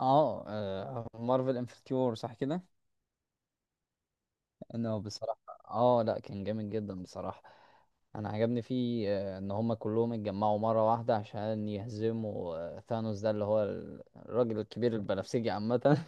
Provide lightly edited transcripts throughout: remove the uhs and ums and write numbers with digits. اه، مارفل انفنتيور صح كده؟ انه بصراحة. اه، لا كان جامد جدا بصراحة. انا عجبني فيه ان هما كلهم اتجمعوا مرة واحدة عشان يهزموا ثانوس ده اللي هو الراجل الكبير البنفسجي عامة.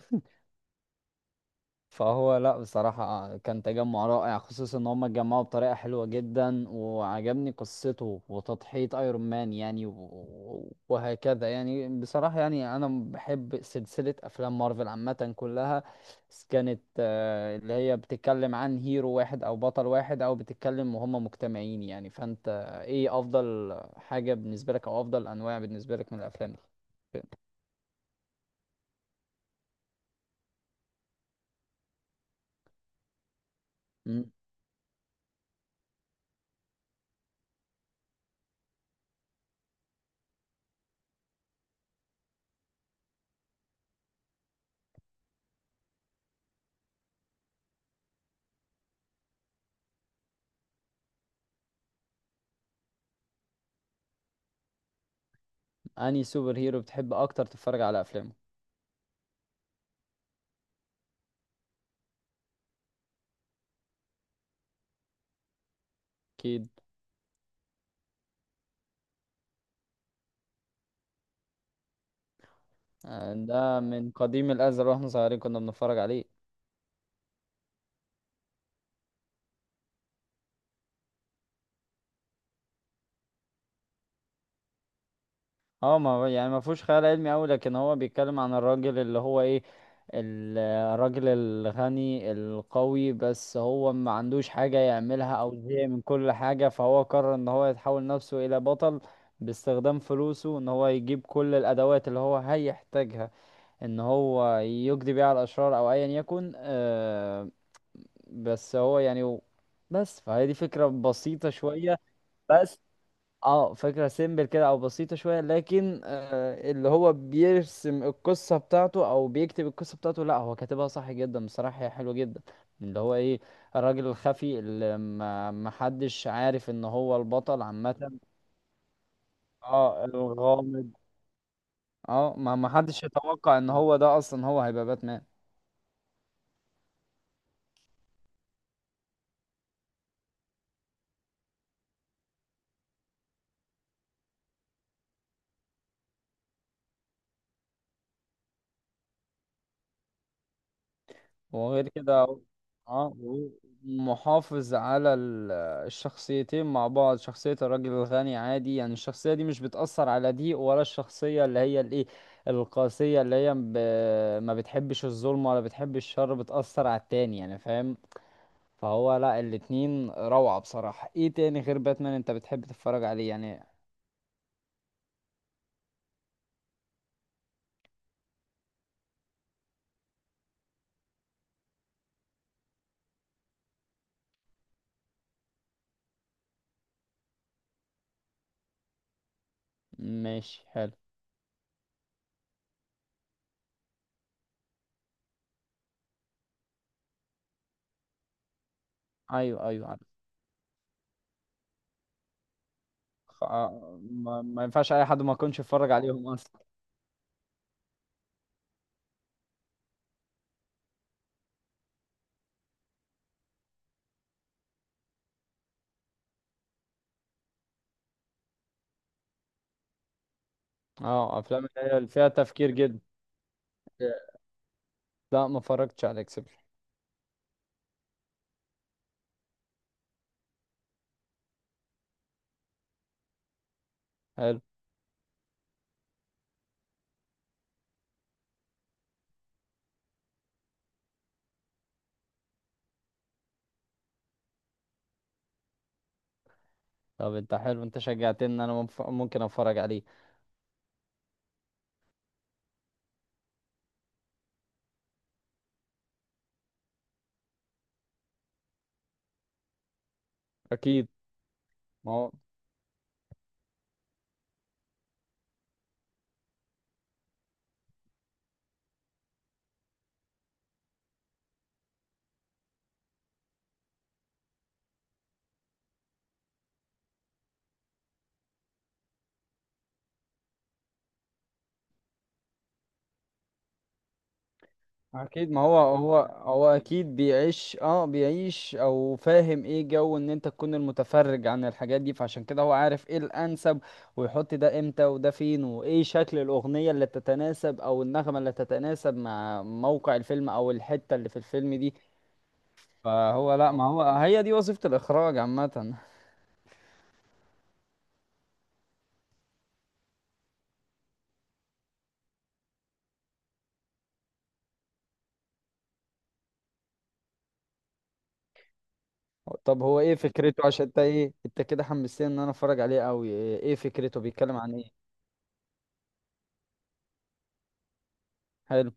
فهو لا بصراحة، كان تجمع رائع خصوصا ان هم اتجمعوا بطريقة حلوة جدا، وعجبني قصته وتضحية ايرون مان يعني وهكذا يعني، بصراحة يعني انا بحب سلسلة افلام مارفل عامة كلها. بس كانت اللي هي بتتكلم عن هيرو واحد او بطل واحد، او بتتكلم وهم مجتمعين يعني. فانت ايه افضل حاجة بالنسبة لك او افضل انواع بالنسبة لك من الافلام دي؟ مم. انهي سوبر هيرو بتحب اكتر تتفرج على افلامه؟ اكيد. ده من قديم الازل واحنا صغيرين كنا بنتفرج عليه. اه، ما هو يعني ما فيهوش خيال علمي قوي، لكن هو بيتكلم عن الراجل اللي هو ايه، ال- الراجل الغني القوي، بس هو ما عندوش حاجة يعملها او زهق من كل حاجة، فهو قرر ان هو يتحول نفسه الى بطل باستخدام فلوسه، ان هو يجيب كل الادوات اللي هو هيحتاجها ان هو يقضي بيها على الاشرار او ايا يكن. بس هو يعني بس فهي دي فكرة بسيطة شوية. بس اه فكرة سيمبل كده او بسيطة شوية، لكن اللي هو بيرسم القصة بتاعته او بيكتب القصة بتاعته، لا هو كاتبها صح جدا بصراحة، هي حلوة جدا. اللي هو ايه، الراجل الخفي اللي ما حدش عارف ان هو البطل عامة. اه، الغامض. اه، ما حدش يتوقع ان هو ده اصلا هو هيبقى باتمان. وغير كده هو محافظ على الشخصيتين مع بعض، شخصية الراجل الغني عادي يعني، الشخصية دي مش بتأثر على دي، ولا الشخصية اللي هي الايه، القاسية اللي هي ما بتحبش الظلم ولا بتحب الشر، بتأثر على التاني يعني، فاهم؟ فهو لا، الاتنين روعة بصراحة. ايه تاني غير باتمان انت بتحب تتفرج عليه يعني؟ ماشي، حلو. ايوه، ايوه، عارف. ما ينفعش اي حد ما يكونش يتفرج عليهم اصلا. اه، افلام اللي هي اللي فيها تفكير جدا. لا، ما اتفرجتش على اكسبل. حلو. طب انت، حلو، انت شجعتني ان انا ممكن اتفرج عليه. اكيد، ما هو اكيد، ما هو هو اكيد بيعيش، بيعيش او فاهم ايه جو ان انت تكون المتفرج عن الحاجات دي، فعشان كده هو عارف ايه الانسب، ويحط ده امتى وده فين وايه شكل الاغنية اللي تتناسب او النغمة اللي تتناسب مع موقع الفيلم او الحتة اللي في الفيلم دي. فهو لا، ما هو هي دي وظيفة الاخراج عامة. طب هو ايه فكرته؟ عشان انت ايه، انت كده حمستني ان انا اتفرج عليه قوي. إيه فكرته؟ بيتكلم عن ايه؟ حلو.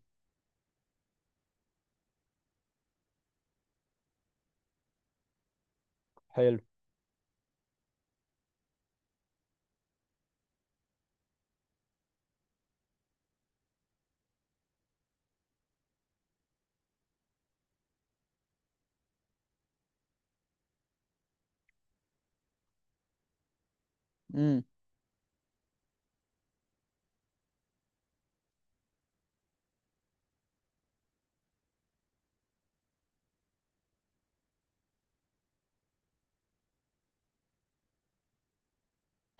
حلو. امم.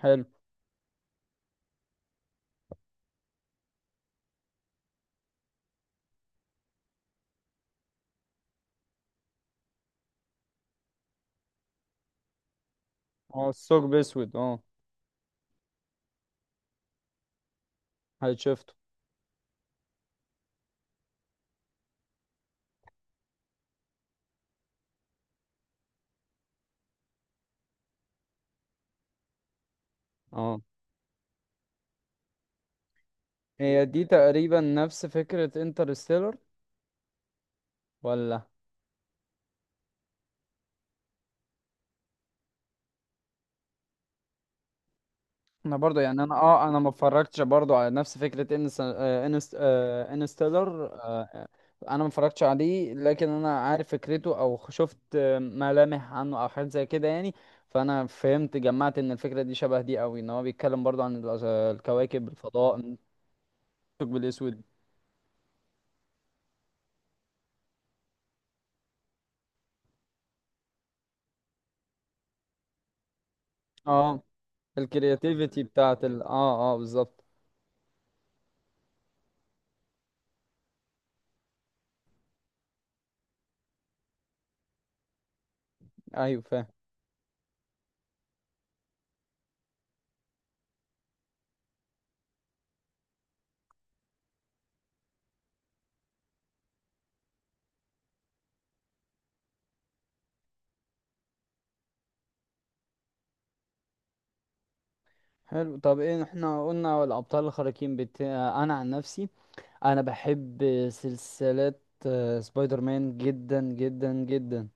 حلو. اه، الثقب اسود، اه. هاي شفته. اه، هي دي تقريبا نفس فكرة انترستيلر، ولا؟ انا برضو يعني، انا ما اتفرجتش برضو على نفس فكره ان انست انستيلر. انا ما اتفرجتش عليه، لكن انا عارف فكرته او شفت ملامح عنه او حاجات زي كده يعني. فانا فهمت جمعت ان الفكره دي شبه دي قوي، ان هو بيتكلم برضو عن الكواكب الفضاء، الثقب الاسود. اه، الكرياتيفيتي بتاعت بالظبط. ايوه، فاهم. حلو. طب ايه احنا قلنا الابطال الخارقين، بت... آه، انا عن نفسي انا بحب سلسلة سبايدر مان جدا جدا جدا.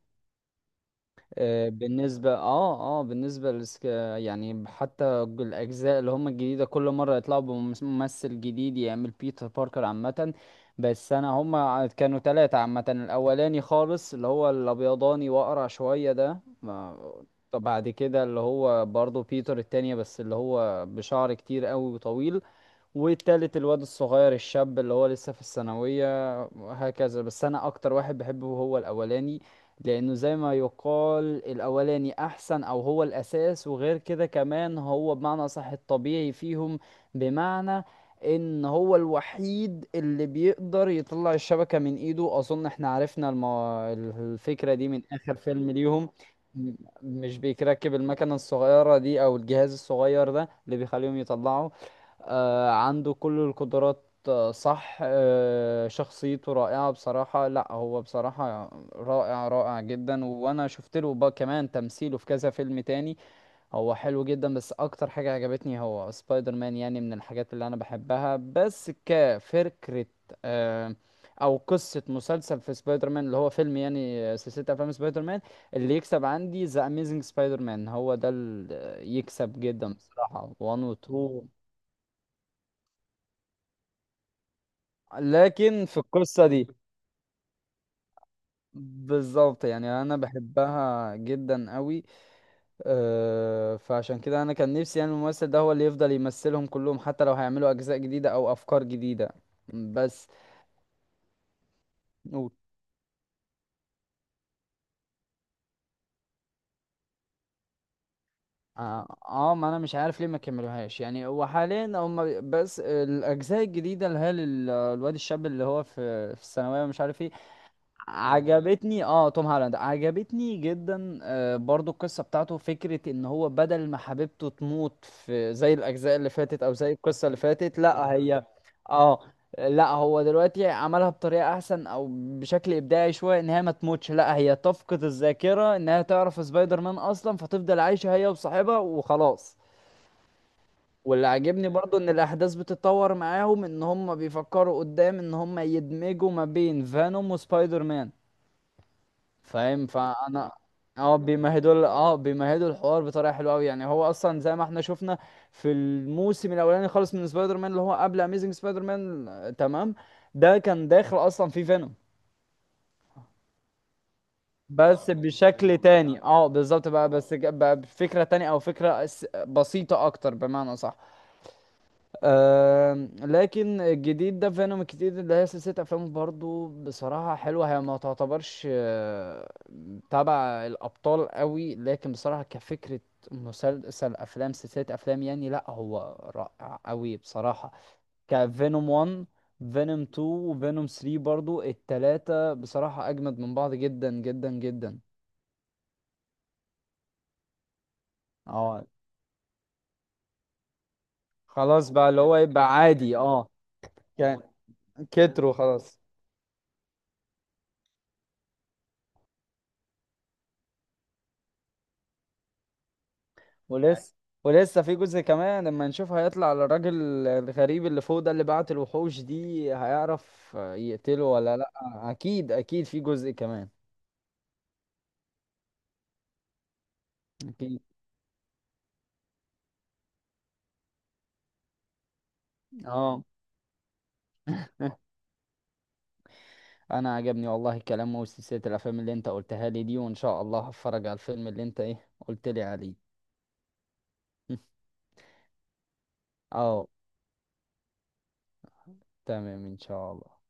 بالنسبة بالنسبة يعني حتى الاجزاء اللي هم الجديدة كل مرة يطلعوا بممثل جديد يعمل بيتر باركر عامة. بس انا، هم كانوا ثلاثة عامة، الاولاني خالص اللي هو الابيضاني واقرع شوية ده طب بعد كده اللي هو برضه بيتر التانية، بس اللي هو بشعر كتير قوي وطويل، والتالت الواد الصغير الشاب اللي هو لسه في الثانوية، وهكذا. بس أنا أكتر واحد بحبه هو الأولاني، لأنه زي ما يقال الأولاني أحسن أو هو الأساس، وغير كده كمان هو بمعنى صح الطبيعي فيهم، بمعنى إن هو الوحيد اللي بيقدر يطلع الشبكة من إيده. أظن إحنا عرفنا الفكرة دي من آخر فيلم ليهم. م- مش بيركب المكنة الصغيرة دي أو الجهاز الصغير ده اللي بيخليهم يطلعوا. عنده كل القدرات، صح، شخصيته رائعة بصراحة، لا هو بصراحة رائع، رائع جدا، وانا شفت له بقى كمان تمثيله في كذا فيلم تاني. هو حلو جدا، بس اكتر حاجة عجبتني هو سبايدر مان، يعني من الحاجات اللي انا بحبها بس كفكرة. آه، او قصة مسلسل في سبايدر مان اللي هو فيلم يعني، سلسلة افلام سبايدر مان، اللي يكسب عندي ذا اميزنج سبايدر مان، هو ده اللي يكسب جدا بصراحة، 1 و 2. لكن في القصة دي، بالظبط، يعني انا بحبها جدا قوي. فعشان كده انا كان نفسي يعني الممثل ده هو اللي يفضل يمثلهم كلهم، حتى لو هيعملوا اجزاء جديدة او افكار جديدة. بس و- اه، ما انا مش عارف ليه ما كملوهاش، يعني هو حاليا هم بس الاجزاء الجديدة اللي هي الواد الشاب اللي هو في الثانوية، ومش عارف ايه. عجبتني، توم هالاند عجبتني جدا، برضو القصة بتاعته فكرة ان هو بدل ما حبيبته تموت في زي الاجزاء اللي فاتت او زي القصة اللي فاتت، لا هي. اه، لا هو دلوقتي عملها بطريقة احسن او بشكل ابداعي شوية، ان هي ما تموتش، لا هي تفقد الذاكرة انها تعرف سبايدر مان اصلا، فتفضل عايشة هي وصاحبها وخلاص. واللي عاجبني برضو ان الاحداث بتتطور معاهم، ان هم بيفكروا قدام ان هم يدمجوا ما بين فانوم وسبايدر مان، فاهم؟ فانا، اه، بيمهدوا الحوار بطريقه حلوه قوي، يعني هو اصلا زي ما احنا شفنا في الموسم الاولاني خالص من سبايدر مان، اللي هو قبل اميزنج سبايدر مان، تمام، ده كان داخل اصلا في فينوم، بس بشكل تاني. اه بالظبط بقى، بس بقى بفكره تانية او فكره بسيطه اكتر بمعنى صح. لكن الجديد ده فينوم الجديد اللي هي سلسلة أفلام برضو بصراحة حلوة، هي ما تعتبرش تبع الأبطال قوي، لكن بصراحة كفكرة مسلسل أفلام، سلسلة أفلام يعني، لأ هو رائع قوي بصراحة. كفينوم 1، فينوم 2 وفينوم 3 برضو، التلاتة بصراحة أجمد من بعض جدا جدا جدا. اه، خلاص بقى اللي هو يبقى عادي، اه. كان كتروا خلاص. ولسه ولسه في جزء كمان لما نشوف هيطلع على الراجل الغريب اللي فوق ده اللي بعت الوحوش دي، هيعرف يقتله ولا لا. اكيد، اكيد في جزء كمان. اكيد، اه. انا عجبني والله الكلام وسلسلة الافلام اللي انت قلتها لي دي، وان شاء الله هتفرج على الفيلم اللي انت ايه قلت لي عليه. اه، تمام، ان شاء الله.